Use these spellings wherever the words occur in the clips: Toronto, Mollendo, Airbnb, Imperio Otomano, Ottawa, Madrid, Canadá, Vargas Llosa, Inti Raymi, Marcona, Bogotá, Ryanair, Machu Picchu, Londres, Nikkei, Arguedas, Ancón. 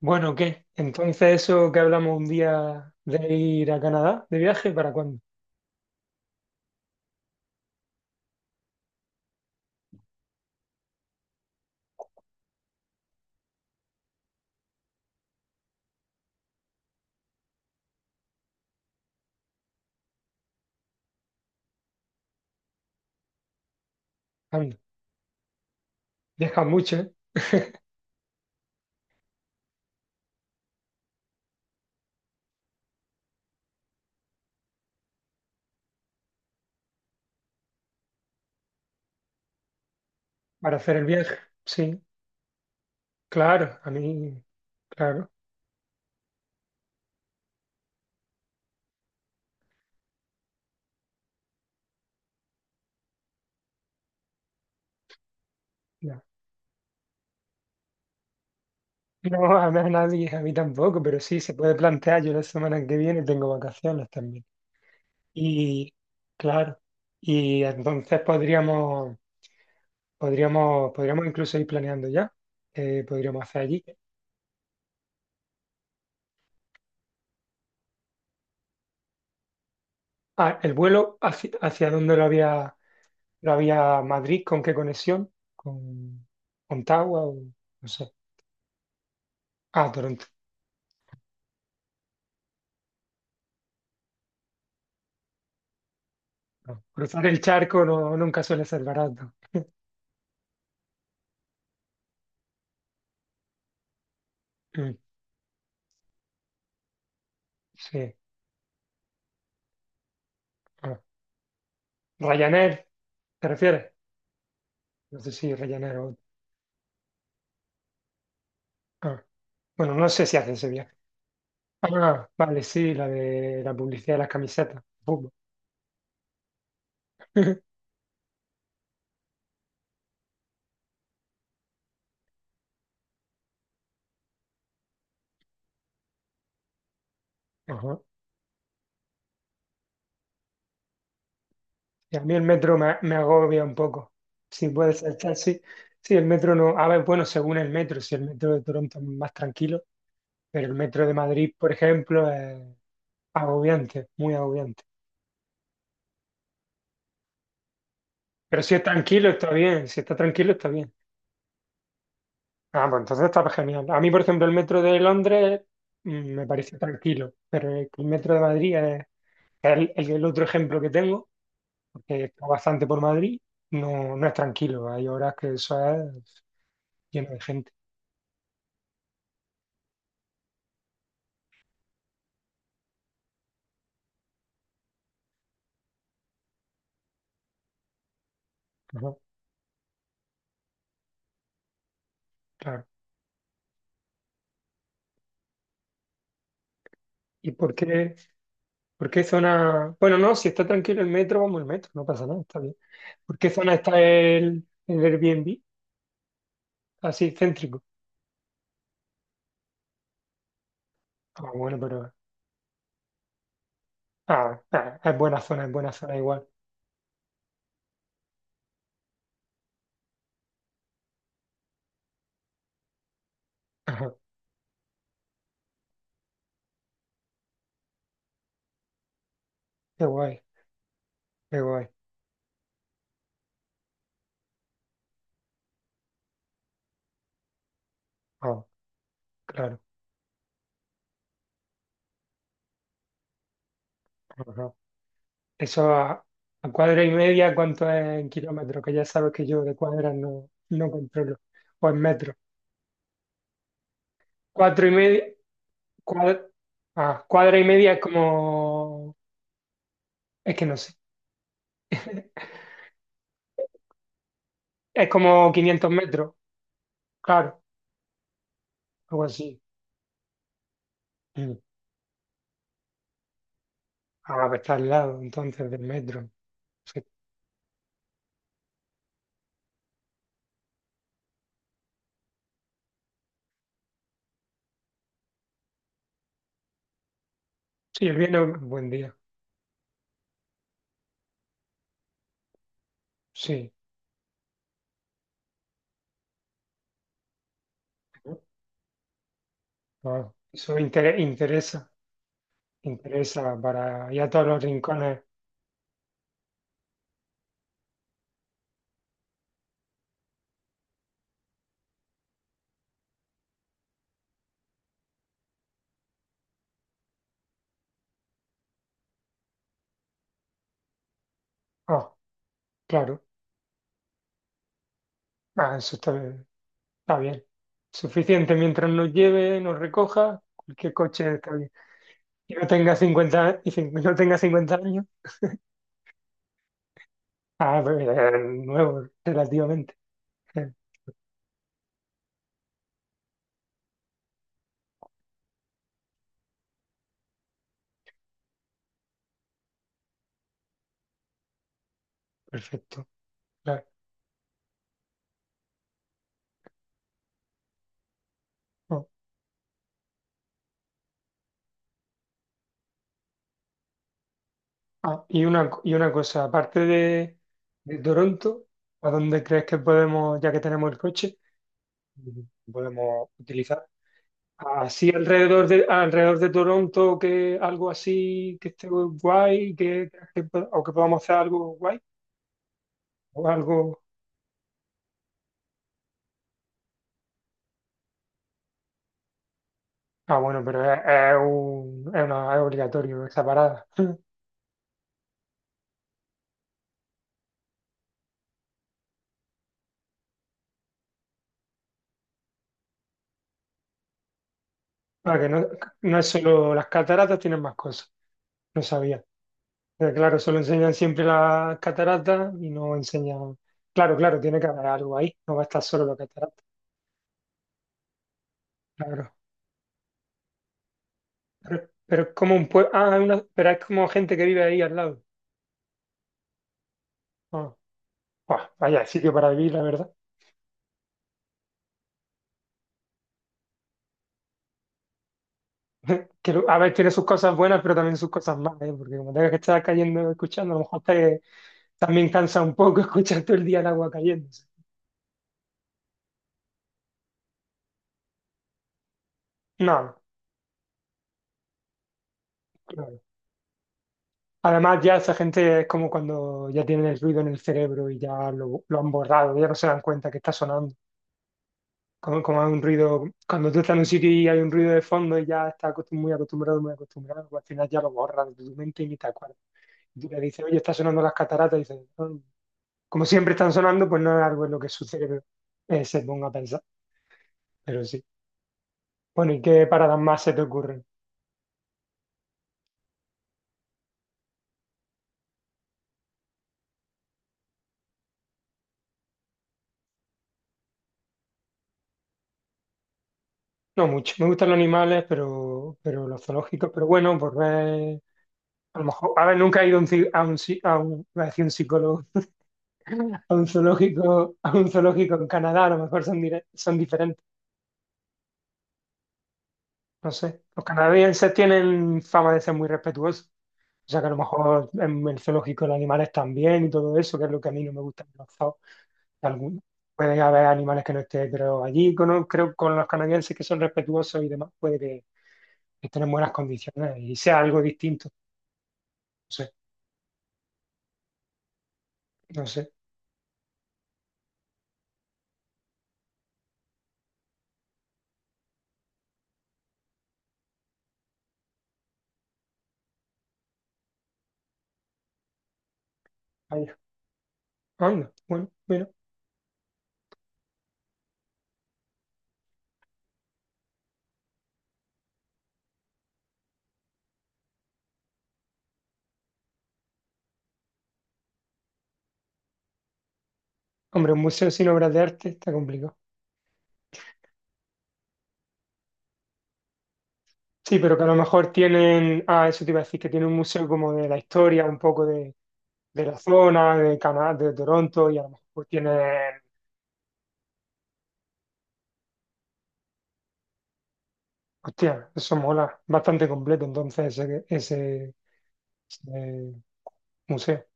Bueno, ¿qué? Entonces, eso que hablamos un día de ir a Canadá de viaje, ¿para cuándo? Anda, viajas mucho, ¿eh? Para hacer el viaje. Sí, claro, a mí, claro. Ya. No, a mí a nadie, a mí tampoco, pero sí, se puede plantear. Yo la semana que viene tengo vacaciones también. Y, claro, y entonces podríamos incluso ir planeando ya. Podríamos hacer allí. Ah, el vuelo, ¿hacia dónde lo había? Pero había Madrid, ¿con qué conexión? ¿Con Ottawa o no sé? Ah, Toronto. No. Cruzar el charco no, nunca suele ser barato. Mm, sí. Ah. Ryanair, ¿te refieres? No sé si Ryanair o... ah. Bueno, no sé si hace ese viaje. Ah, vale, sí, la de la publicidad de las camisetas. Fútbol. Ajá. Y a mí el metro me agobia un poco. Si puede ser taxi. Sí, sí, el metro no. A ver, bueno, según el metro, si el metro de Toronto es más tranquilo, pero el metro de Madrid, por ejemplo, agobiante, muy agobiante. Pero si es tranquilo, está bien. Si está tranquilo, está bien. Ah, pues entonces está genial. A mí, por ejemplo, el metro de Londres mm, me parece tranquilo, pero el metro de Madrid es el otro ejemplo que tengo, porque está bastante por Madrid, no es tranquilo. Hay horas que eso es lleno de gente. Ajá, claro. ¿Y por qué zona? Bueno, no, si está tranquilo el metro, vamos el metro, no pasa nada, está bien. ¿Por qué zona está el Airbnb? Así, céntrico. Ah, bueno, pero ah, ah, es buena zona igual. Ajá, qué guay, qué guay. Ah, claro. Ajá. Eso a cuadra y media, ¿cuánto es en kilómetros? Que ya sabes que yo de cuadras no controlo. O en metros. Cuatro y media, cuadra, ah, cuadra y media es como, es que no sé, es como 500 metros, claro, algo así. Mm. Ah, pues está al lado entonces del metro. Sí, sí, el viernes, buen día. Sí, ah, eso interesa. Interesa para ir a todos los rincones. Ah, claro, ah, eso está, está bien. Suficiente mientras nos lleve, nos recoja, cualquier coche está bien. Y no tenga no tenga 50 años. Ah, pues, nuevo, relativamente. Eh, Perfecto, claro. Oh, ah, y una, y una cosa, aparte de Toronto, ¿a dónde crees que podemos, ya que tenemos el coche, podemos utilizar? Así alrededor de Toronto, que algo así que esté guay, que o que podamos hacer algo guay, o algo. Ah, bueno, pero es, es obligatorio esa parada. Para que no, no es solo las cataratas, tienen más cosas. No sabía. Pero claro, solo enseñan siempre las cataratas y no enseñan. Claro, claro, tiene que haber algo ahí. No va a estar solo las cataratas. Claro. Pero es como un pueblo. Ah, pero es como gente que vive ahí al lado. Ah, buah, vaya sitio para vivir, la verdad. Que, a ver, tiene sus cosas buenas, pero también sus cosas malas, ¿eh? Porque como tengas que estar cayendo escuchando, a lo mejor te, también cansa un poco escuchar todo el día el agua cayéndose. No, no, claro. Además, ya esa gente es como cuando ya tienen el ruido en el cerebro y ya lo han borrado, ya no se dan cuenta que está sonando. Como, como hay un ruido, cuando tú estás en un sitio y hay un ruido de fondo y ya estás muy acostumbrado, pues al final ya lo borras de tu mente y ni te acuerdas. Y tú le dices, oye, está sonando las cataratas, y dices, "Ah". Como siempre están sonando, pues no es algo en lo que su cerebro se ponga a pensar, pero sí. Bueno, ¿y qué paradas más se te ocurren? No mucho, me gustan los animales, pero los zoológicos, pero bueno, por ver, a lo mejor, a ver, nunca he ido a un, iba a decir un psicólogo, a un zoológico en Canadá, a lo mejor son, son diferentes, no sé. Los canadienses tienen fama de ser muy respetuosos, o sea que a lo mejor en el zoológico los animales también y todo eso, que es lo que a mí no me gusta en los zoos. algún- Puede haber animales que no estén, pero allí creo con los canadienses que son respetuosos y demás, puede que estén en buenas condiciones y sea algo distinto. No sé, no sé. Vaya. Anda, bueno, mira. Hombre, un museo sin obras de arte está complicado. Sí, pero que a lo mejor tienen, ah, eso te iba a decir, que tiene un museo como de la historia, un poco de la zona, de Canadá, de Toronto, y a lo mejor tienen, hostia, eso mola, bastante completo entonces ese museo.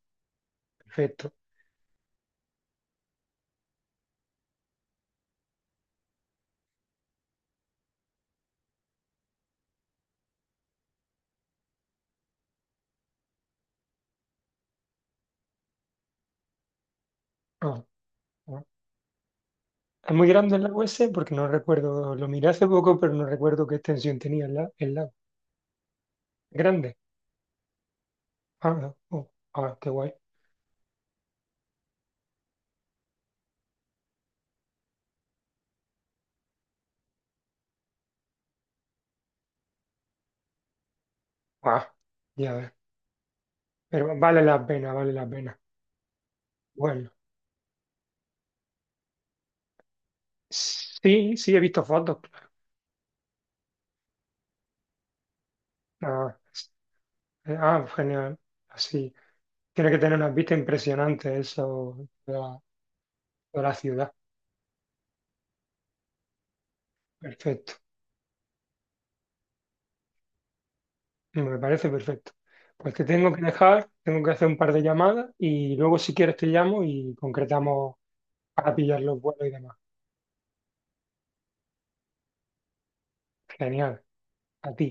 Perfecto. Ah, ah. Es muy grande el lago ese porque no recuerdo, lo miré hace poco, pero no recuerdo qué extensión tenía el lago. Grande. Ah, no. Oh, ah, qué guay. Ah, ya ves. Pero vale la pena, vale la pena. Bueno, sí, sí, he visto fotos. Ah, s- ah, genial. Así. Tiene que tener unas vistas impresionantes eso de la ciudad. Perfecto. Me parece perfecto. Pues te tengo que dejar, tengo que hacer un par de llamadas y luego si quieres te llamo y concretamos para pillar los vuelos y demás. Genial. A ti.